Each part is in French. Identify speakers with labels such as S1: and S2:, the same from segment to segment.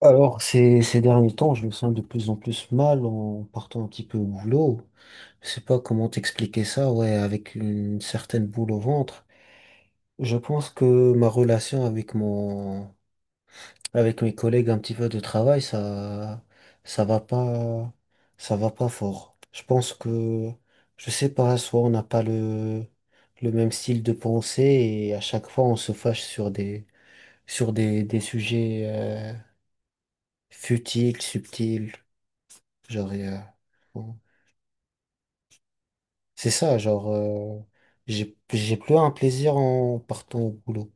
S1: Alors, ces derniers temps, je me sens de plus en plus mal en partant un petit peu au boulot. Je sais pas comment t'expliquer ça, ouais, avec une certaine boule au ventre. Je pense que ma relation avec avec mes collègues un petit peu de travail, ça va pas, ça va pas fort. Je sais pas, soit on n'a pas le même style de pensée et à chaque fois on se fâche sur des sujets, futiles, subtils. Genre, et, euh, bon. c'est ça, genre, euh, j'ai plus un plaisir en partant au boulot.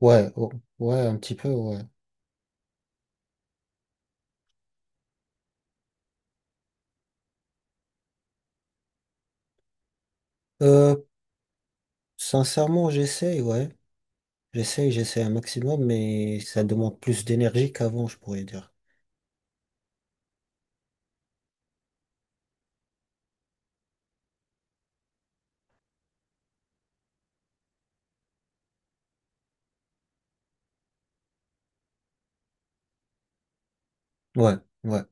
S1: Ouais, oh, ouais, un petit peu, ouais. Euh, Sincèrement, j'essaye, ouais. J'essaye un maximum, mais ça demande plus d'énergie qu'avant, je pourrais dire. Ouais, ouais,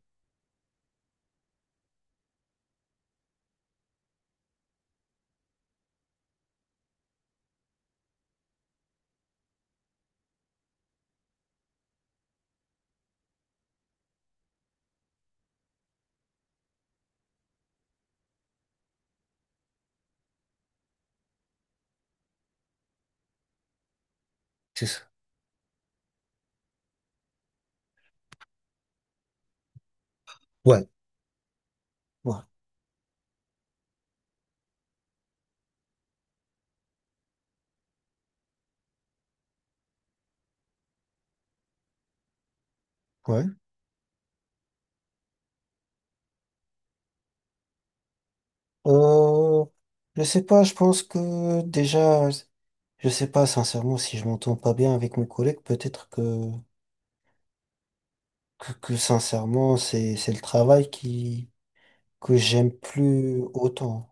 S1: c'est ça. Ouais, ouais, ouais. Euh, je sais pas, je pense que déjà, je sais pas, sincèrement, si je m'entends pas bien avec mes collègues, peut-être que sincèrement, c'est le travail que j'aime plus autant.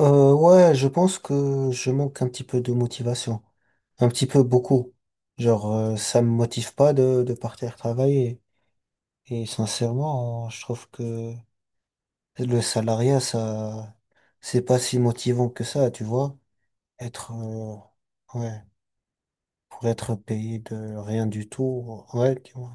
S1: Ouais, je pense que je manque un petit peu de motivation. Un petit peu beaucoup. Ça me motive pas de partir travailler. Et sincèrement, je trouve que le salariat, c'est pas si motivant que ça, tu vois. Être, euh, ouais, pour être payé de rien du tout, ouais, tu vois.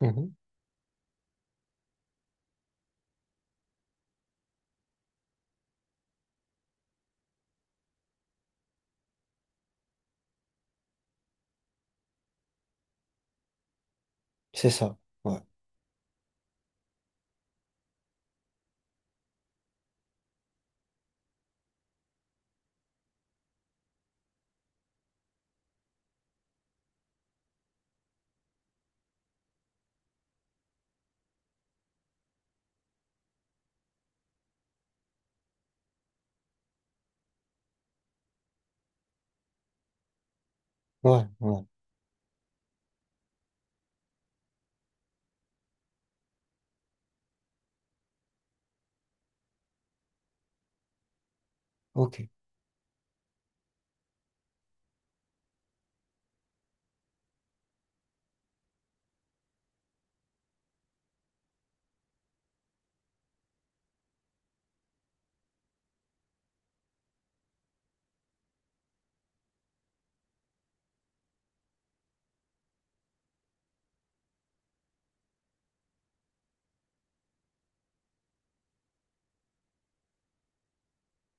S1: Mhm. C'est ça, ouais, ouais, ouais, ok.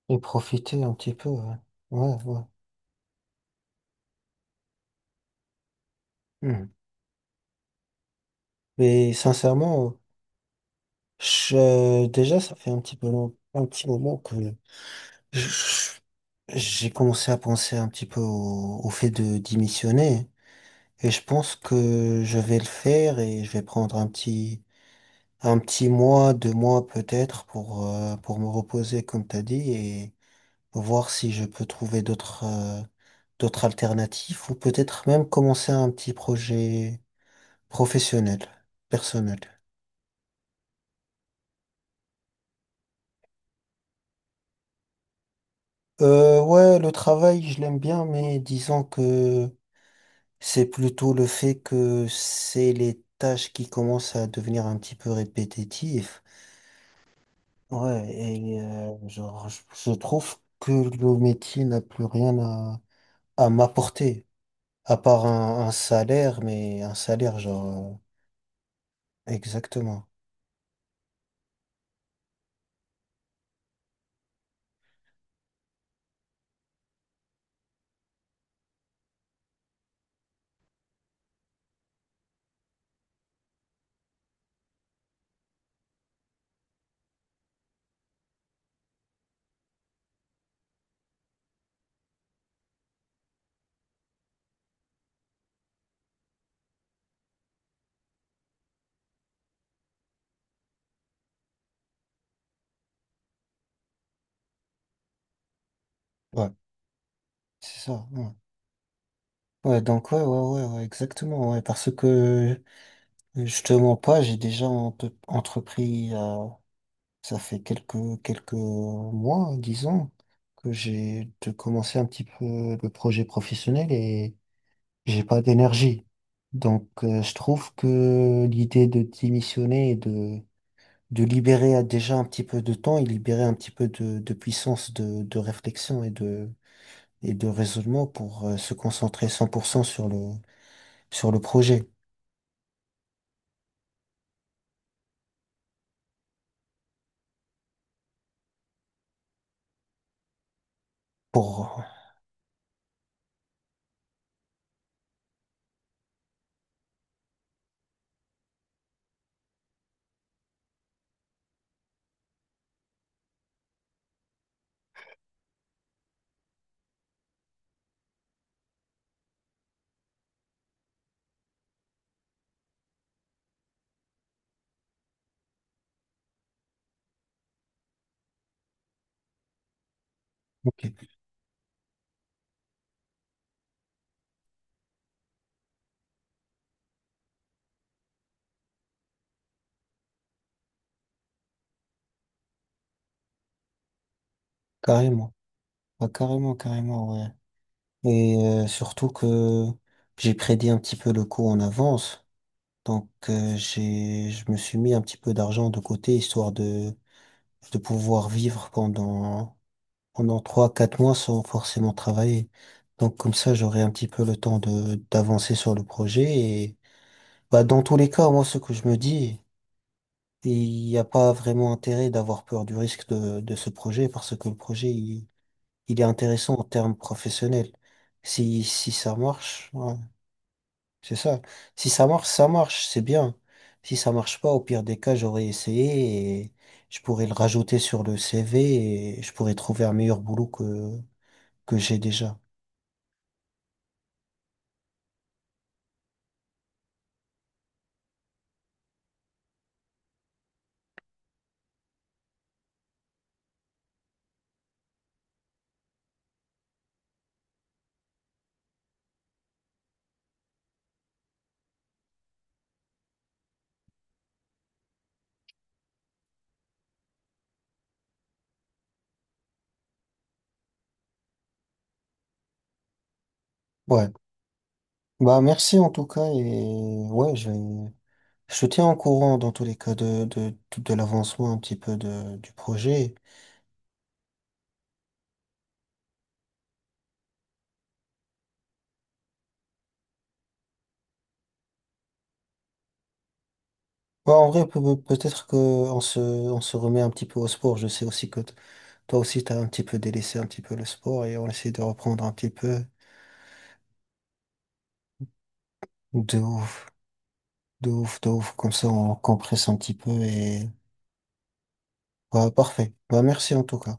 S1: Et profiter un petit peu, ouais, ouais, ouais. Mhm. Mais sincèrement, déjà, ça fait un petit peu un petit moment que je- j'ai commencé à penser un petit peu au fait de démissionner. Et je pense que je vais le faire et je vais prendre un petit mois, deux mois peut-être pour me reposer, comme t'as dit, et voir si je peux trouver d'autres alternatives ou peut-être même commencer un petit projet professionnel, personnel. Ouais, le travail, je l'aime bien, mais disons que c'est plutôt le fait que c'est les tâches qui commencent à devenir un petit peu répétitives. Ouais, et euh, genre, je, je trouve que le métier n'a plus rien à, à m'apporter, à part un salaire, mais un salaire, exactement. Ouais, c'est ça. Ouais. Ouais, donc ouais, exactement, ouais, parce que je te mens pas, j'ai déjà entrepris. Ça fait quelques mois, disons, que commencé un petit peu le projet professionnel et j'ai pas d'énergie. Donc, je trouve que l'idée de démissionner et de libérer déjà un petit peu de temps et libérer un petit peu de puissance de réflexion et de raisonnement pour se concentrer 100% sur sur le projet. Pour, ok, carrément. Ah, carrément, carrément, ouais. Et surtout que j'ai prédit un petit peu le coup en avance. Donc j'ai je me suis mis un petit peu d'argent de côté histoire de pouvoir vivre pendant trois quatre mois sans forcément travailler. Donc comme ça j'aurai un petit peu le temps de d'avancer sur le projet et bah dans tous les cas moi ce que je me dis il n'y a pas vraiment intérêt d'avoir peur du risque de ce projet parce que le projet il est intéressant en termes professionnels. Si si ça marche C'est ça. Si ça marche, ça marche, c'est bien. Si ça marche pas, au pire des cas, j'aurais essayé et je pourrais le rajouter sur le CV et je pourrais trouver un meilleur boulot que j'ai déjà. Ouais. Bah, merci en tout cas et ouais, je te tiens au courant dans tous les cas de l'avancement un petit peu de, du projet. Ouais, en vrai, peut-être que on se remet un petit peu au sport. Je sais aussi que toi aussi, t'as un petit peu délaissé un petit peu le sport et on essaie de reprendre un petit peu de ouf. De ouf, de ouf. Comme ça, on compresse un petit peu et... Bah, parfait. Bah, merci en tout cas.